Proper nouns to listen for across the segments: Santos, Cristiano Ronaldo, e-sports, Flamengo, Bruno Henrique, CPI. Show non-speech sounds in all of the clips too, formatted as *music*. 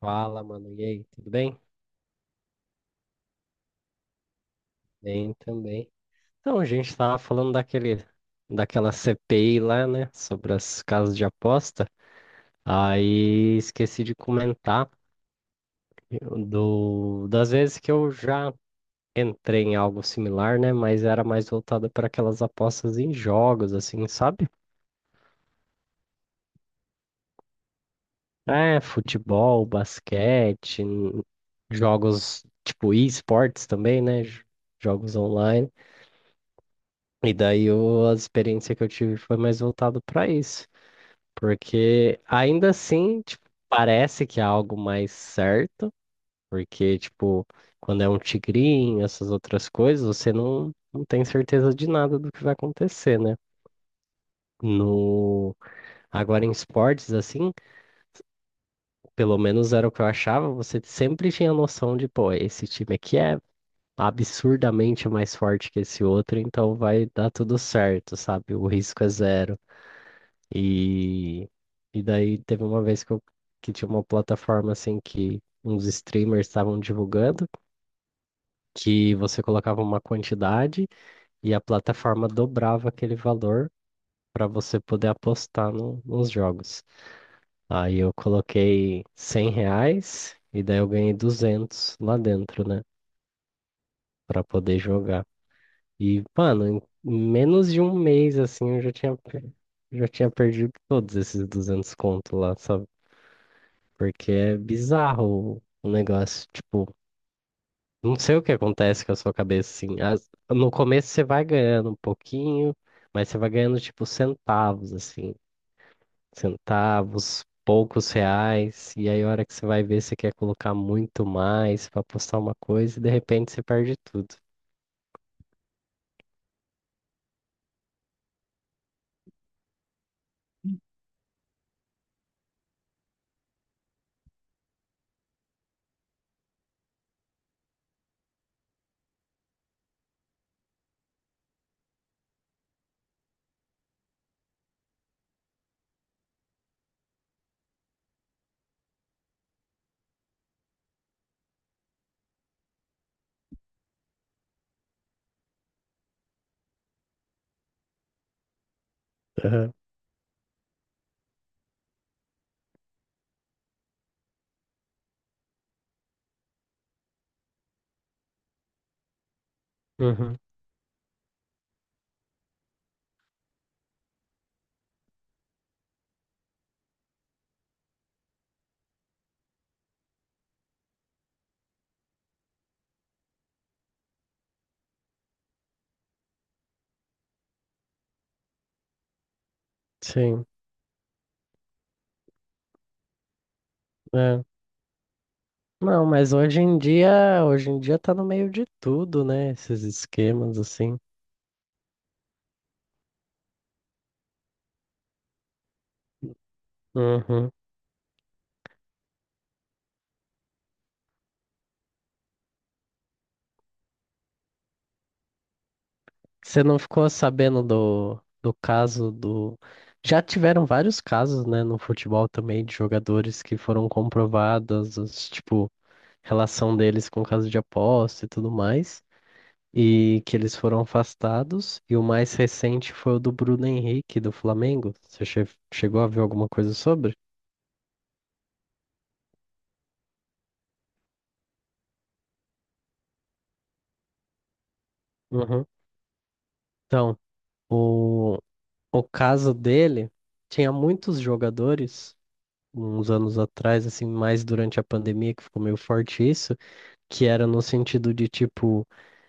Fala, mano. E aí, tudo bem? Bem também. Então, a gente tava falando daquela CPI lá, né? Sobre as casas de aposta. Aí esqueci de comentar das vezes que eu já entrei em algo similar, né? Mas era mais voltada para aquelas apostas em jogos, assim, sabe? É, futebol, basquete, jogos tipo e-sports também, né? Jogos online. E daí a experiência que eu tive foi mais voltado para isso, porque ainda assim, tipo, parece que é algo mais certo, porque, tipo, quando é um tigrinho, essas outras coisas, você não tem certeza de nada do que vai acontecer, né? No... Agora em esportes, assim, pelo menos era o que eu achava, você sempre tinha noção de, pô, esse time aqui é absurdamente mais forte que esse outro, então vai dar tudo certo, sabe? O risco é zero. E, e daí teve uma vez que tinha uma plataforma assim que uns streamers estavam divulgando, que você colocava uma quantidade e a plataforma dobrava aquele valor para você poder apostar nos jogos. Aí eu coloquei R$ 100 e daí eu ganhei 200 lá dentro, né? Para poder jogar. E, mano, em menos de um mês assim eu já tinha perdido todos esses 200 conto lá, sabe? Porque é bizarro o negócio, tipo, não sei o que acontece com a sua cabeça, assim. No começo você vai ganhando um pouquinho, mas você vai ganhando, tipo, centavos, assim. Centavos, poucos reais. E aí, a hora que você vai ver, você quer colocar muito mais pra postar uma coisa e de repente você perde tudo. Aham. Uhum. Sim. É. Não, mas hoje em dia tá no meio de tudo, né? Esses esquemas, assim. Uhum. Você não ficou sabendo do, do caso do. Já tiveram vários casos, né, no futebol também, de jogadores que foram comprovados, os, tipo, relação deles com caso de aposta e tudo mais, e que eles foram afastados. E o mais recente foi o do Bruno Henrique, do Flamengo. Você chegou a ver alguma coisa sobre? Uhum. Então, o, o caso dele tinha muitos jogadores, uns anos atrás, assim, mais durante a pandemia, que ficou meio forte isso que era no sentido de, tipo,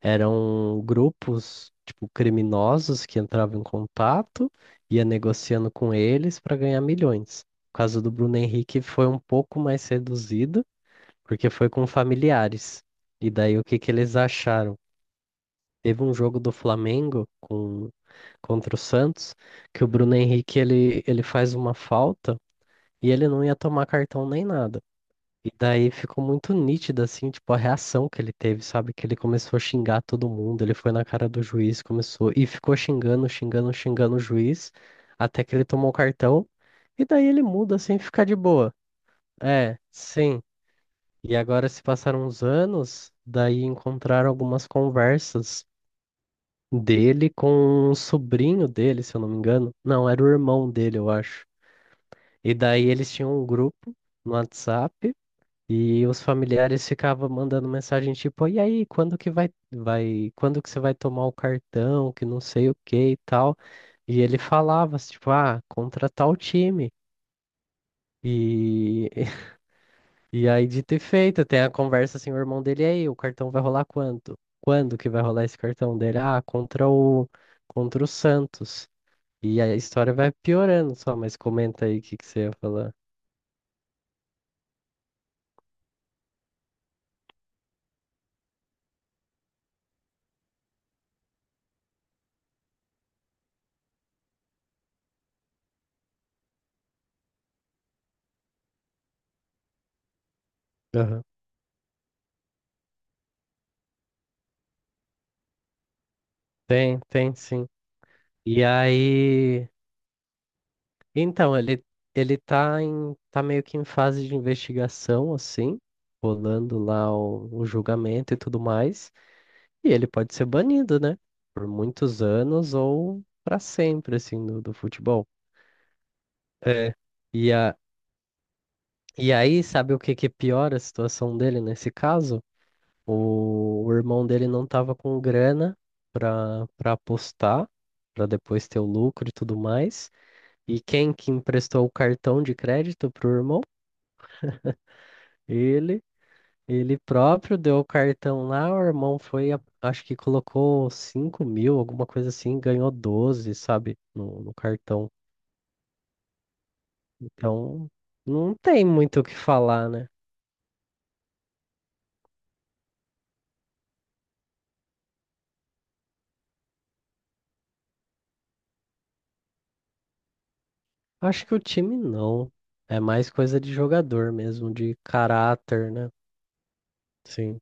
eram grupos, tipo, criminosos que entravam em contato, ia negociando com eles para ganhar milhões. O caso do Bruno Henrique foi um pouco mais reduzido, porque foi com familiares. E daí o que que eles acharam? Teve um jogo do Flamengo contra o Santos, que o Bruno Henrique ele faz uma falta e ele não ia tomar cartão nem nada. E daí ficou muito nítido, assim, tipo, a reação que ele teve, sabe? Que ele começou a xingar todo mundo, ele foi na cara do juiz, começou, e ficou xingando, xingando, xingando o juiz, até que ele tomou o cartão, e daí ele muda, assim, fica de boa. É, sim. E agora se passaram uns anos, daí encontraram algumas conversas dele com um sobrinho dele, se eu não me engano. Não, era o irmão dele, eu acho. E daí eles tinham um grupo no WhatsApp, e os familiares ficavam mandando mensagem tipo, e aí, quando que vai, quando que você vai tomar o cartão, que não sei o que e tal. E ele falava, tipo, ah, contra tal time. E, *laughs* e aí, dito e feito, tem a conversa assim, o irmão dele, e aí, o cartão vai rolar quanto? Quando que vai rolar esse cartão dele? Ah, contra o Santos. E aí a história vai piorando só, mas comenta aí o que que você ia falar. Aham. Tem, tem, sim. E aí. Então, ele tá meio que em fase de investigação, assim, rolando lá o julgamento e tudo mais, e ele pode ser banido, né? Por muitos anos ou para sempre, assim, do futebol. É. E, a, e aí, sabe o que que piora a situação dele nesse caso? O irmão dele não tava com grana para apostar, para depois ter o lucro e tudo mais. E quem que emprestou o cartão de crédito pro irmão? Ele Ele próprio deu o cartão lá, o irmão foi, acho que colocou 5 mil, alguma coisa assim, ganhou 12, sabe, no cartão. Então, não tem muito o que falar, né? Acho que o time não. É mais coisa de jogador mesmo, de caráter, né? Sim.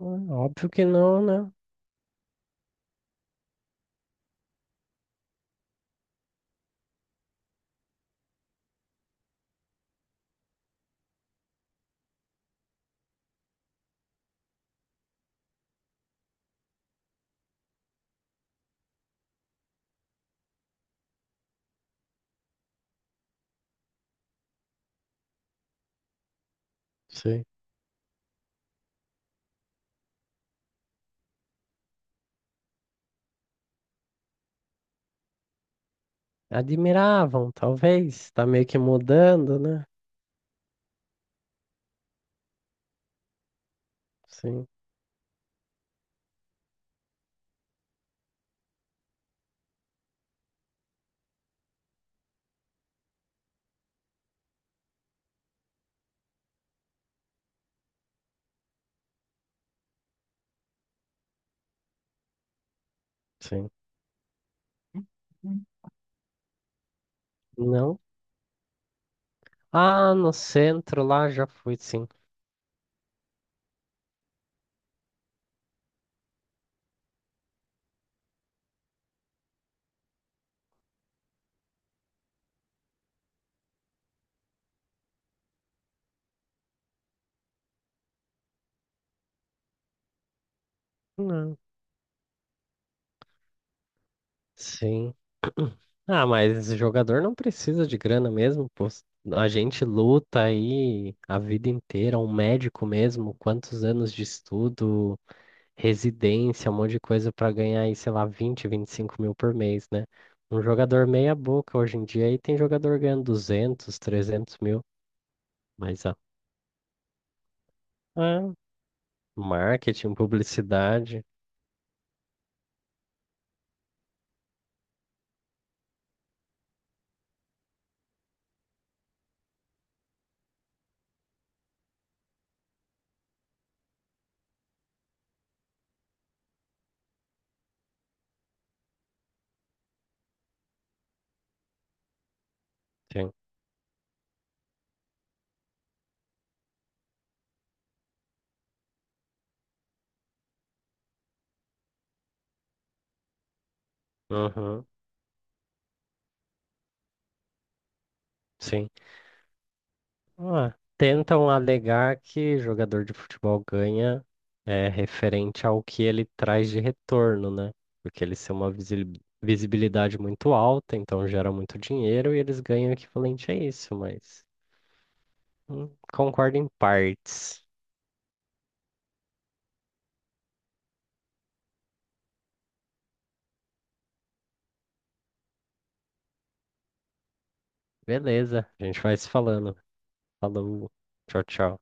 É, óbvio que não, né? Sim. Admiravam, talvez. Tá meio que mudando, né? Sim, sim. Não. Ah, no centro lá já fui, sim. Não. Sim. *clears throat* Ah, mas jogador não precisa de grana mesmo, pô. A gente luta aí a vida inteira, um médico mesmo, quantos anos de estudo, residência, um monte de coisa para ganhar aí, sei lá, 25 mil por mês, né? Um jogador meia boca hoje em dia aí tem jogador ganhando 200 trezentos mil, mas é, marketing, publicidade, sim. Uhum, sim. Ah, tentam alegar que jogador de futebol ganha é referente ao que ele traz de retorno, né? Porque eles têm uma visibilidade muito alta, então gera muito dinheiro e eles ganham equivalente a isso, mas concordo em partes. Beleza, a gente vai se falando. Falou, tchau, tchau.